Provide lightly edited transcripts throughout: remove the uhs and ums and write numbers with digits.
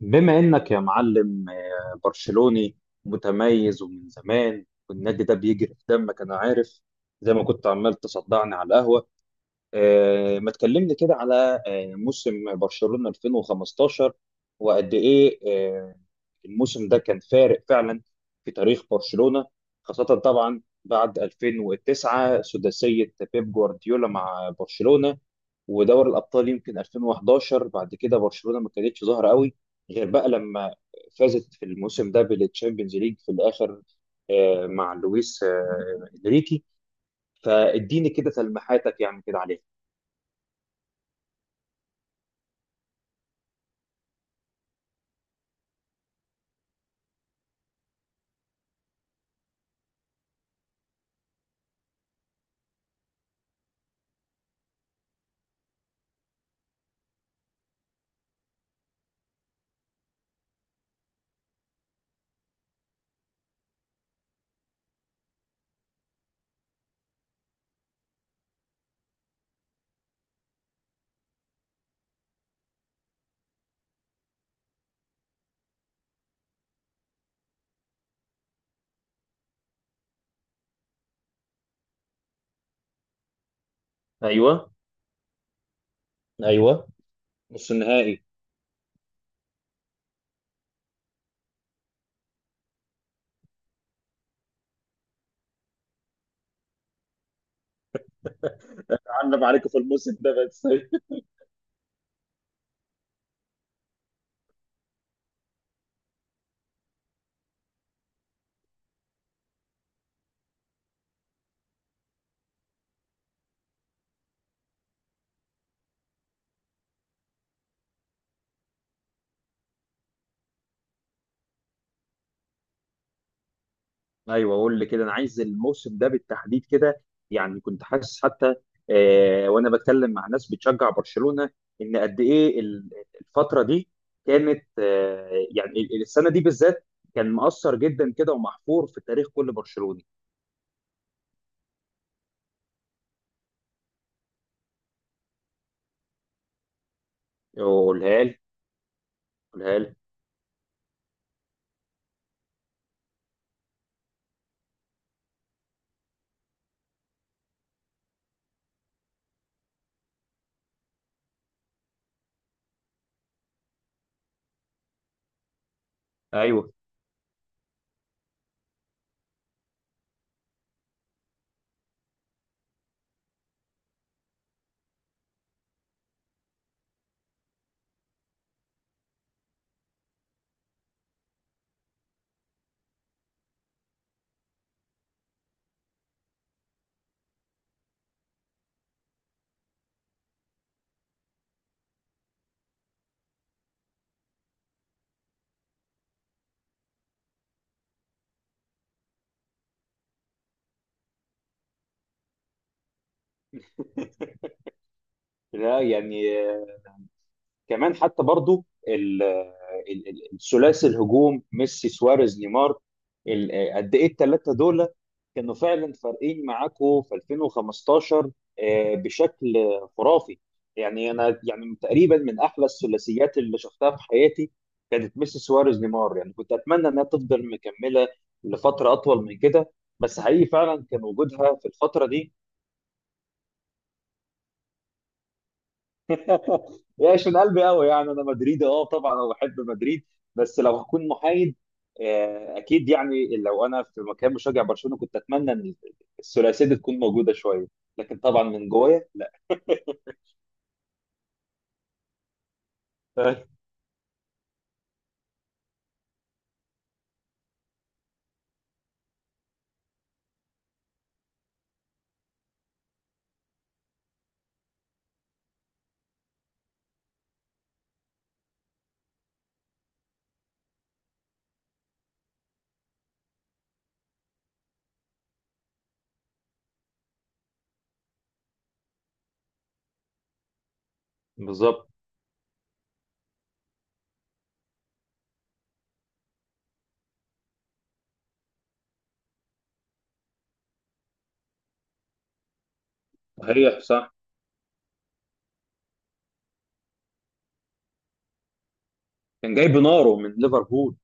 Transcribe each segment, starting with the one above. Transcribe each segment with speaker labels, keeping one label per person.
Speaker 1: بما انك يا معلم برشلوني متميز ومن زمان، والنادي ده بيجري في دمك، انا عارف. زي ما كنت عمال تصدعني على القهوة ما تكلمني كده على موسم برشلونة 2015 وقد ايه؟ آه، الموسم ده كان فارق فعلا في تاريخ برشلونة، خاصة طبعا بعد 2009 سداسية بيب جوارديولا مع برشلونة ودوري الأبطال يمكن 2011. بعد كده برشلونة ما كانتش ظاهرة قوي غير بقى لما فازت في الموسم ده بالتشامبيونز ليج في الآخر مع لويس إنريكي. فاديني كده تلميحاتك يعني كده عليها. ايوه. ايوه، نص النهائي. عندنا عليكم في الموسم ده بس. ايوه، قول لي كده، انا عايز الموسم ده بالتحديد كده. يعني كنت حاسس حتى وانا بتكلم مع ناس بتشجع برشلونه ان قد ايه الفتره دي كانت، يعني، السنه دي بالذات كان مؤثر جدا كده ومحفور في تاريخ كل برشلوني. قولها لي، قولها لي. ايوه. لا، يعني كمان حتى برضو الثلاثي الهجوم ميسي سواريز نيمار، قد ايه الثلاثه دول كانوا فعلا فارقين معاكوا في 2015، بشكل خرافي. يعني انا يعني تقريبا من احلى الثلاثيات اللي شفتها في حياتي كانت ميسي سواريز نيمار. يعني كنت اتمنى انها تفضل مكمله لفتره اطول من كده، بس حقيقي فعلا كان وجودها في الفتره دي يعيش من قلبي قوي. يعني انا مدريدي، اه، طبعا انا بحب مدريد، بس لو هكون محايد اكيد يعني لو انا في مكان مشجع برشلونه كنت اتمنى ان الثلاثيه دي تكون موجوده شويه، لكن طبعا من جوايا لا. أيوة. بالظبط. صحيح، صح. كان جايب ناره من ليفربول.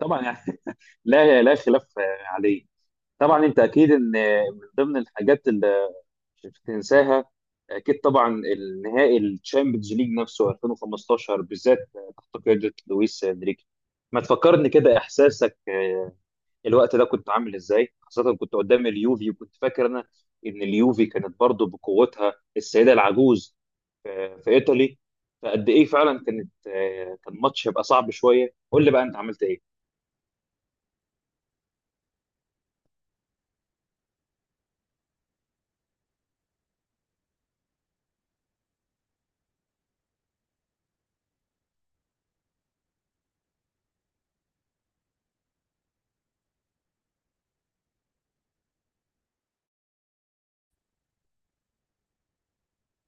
Speaker 1: طبعا يعني لا، لا خلاف عليه. طبعا انت اكيد ان من ضمن الحاجات اللي مش هتنساها اكيد طبعا النهائي الشامبيونز ليج نفسه 2015 بالذات تحت قياده لويس انريكي. ما تفكرني كده، احساسك الوقت ده كنت عامل ازاي، خاصه كنت قدام اليوفي، وكنت فاكر انا ان اليوفي كانت برضه بقوتها السيده العجوز في في ايطالي؟ فقد ايه فعلا كانت، كان ماتش يبقى صعب شويه، قول لي بقى انت عملت ايه.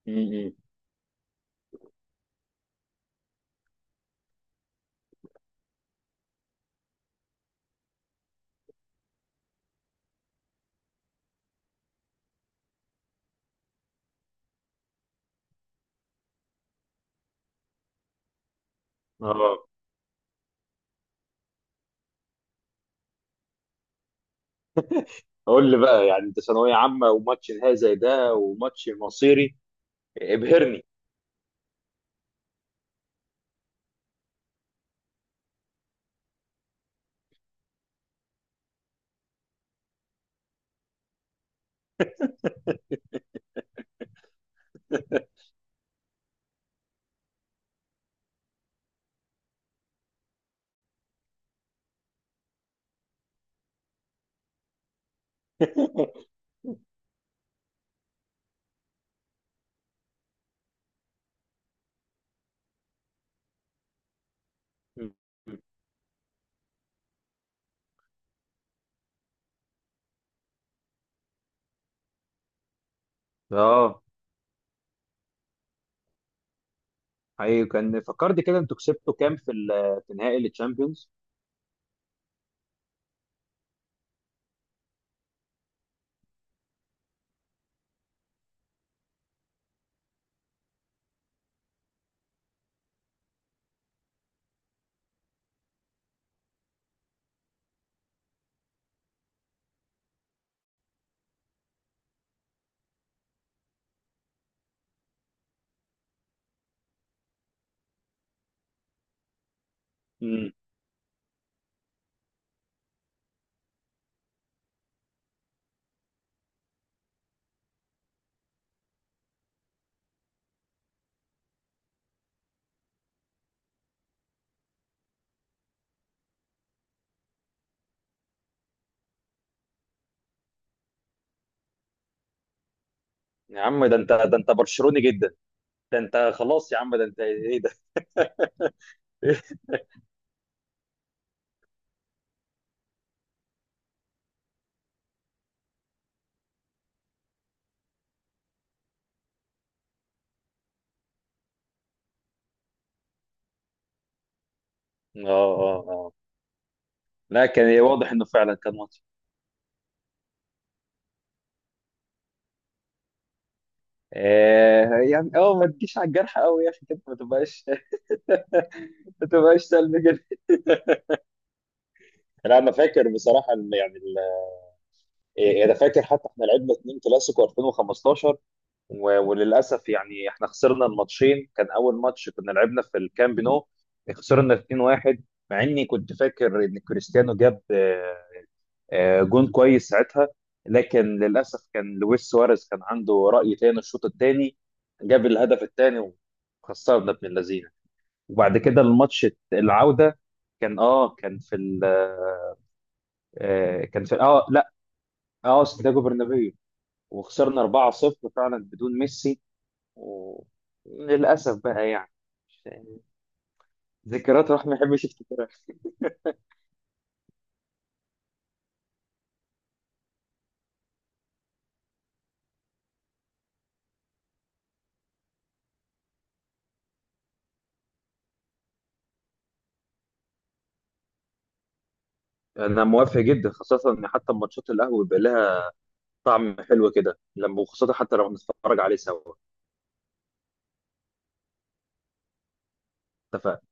Speaker 1: م- م. اه، قول لي بقى، يعني انت ثانويه عامه وماتش نهائي زي ده وماتش مصيري، ابهرني. اه. حقيقي كان فكرني كده، انتوا كسبتوا كام في في نهائي التشامبيونز؟ مم. يا عم، ده انت ده انت برشلوني جدا. ده انت خلاص، يا عم، ده انت ايه ده. اه، اه، اه. لا، كان إيه، واضح انه فعلا كان ماتش. يعني ما تجيش على الجرح قوي يا اخي كده، ما تبقاش. ما تبقاش سلبي كده. لا، انا فاكر بصراحه، يعني إيه، انا فاكر حتى احنا لعبنا اتنين كلاسيكو 2015 وللاسف يعني احنا خسرنا الماتشين. كان اول ماتش كنا لعبنا في الكامب نو، خسرنا 2-1 مع اني كنت فاكر ان كريستيانو جاب جون كويس ساعتها، لكن للاسف كان لويس سواريز كان عنده راي تاني، الشوط الثاني جاب الهدف الثاني وخسرنا ابن اللذينه. وبعد كده الماتش العوده كان كان في كان في لا اه سانتياغو برنابيو، وخسرنا 4-0 فعلا بدون ميسي. وللأسف بقى يعني ذكريات الواحد ما يحبش يفتكرها. انا موافق جدا، خاصه ان حتى ماتشات القهوه بيبقى لها طعم حلو كده، لما وخاصه حتى لو بنتفرج عليه سوا. اتفقنا.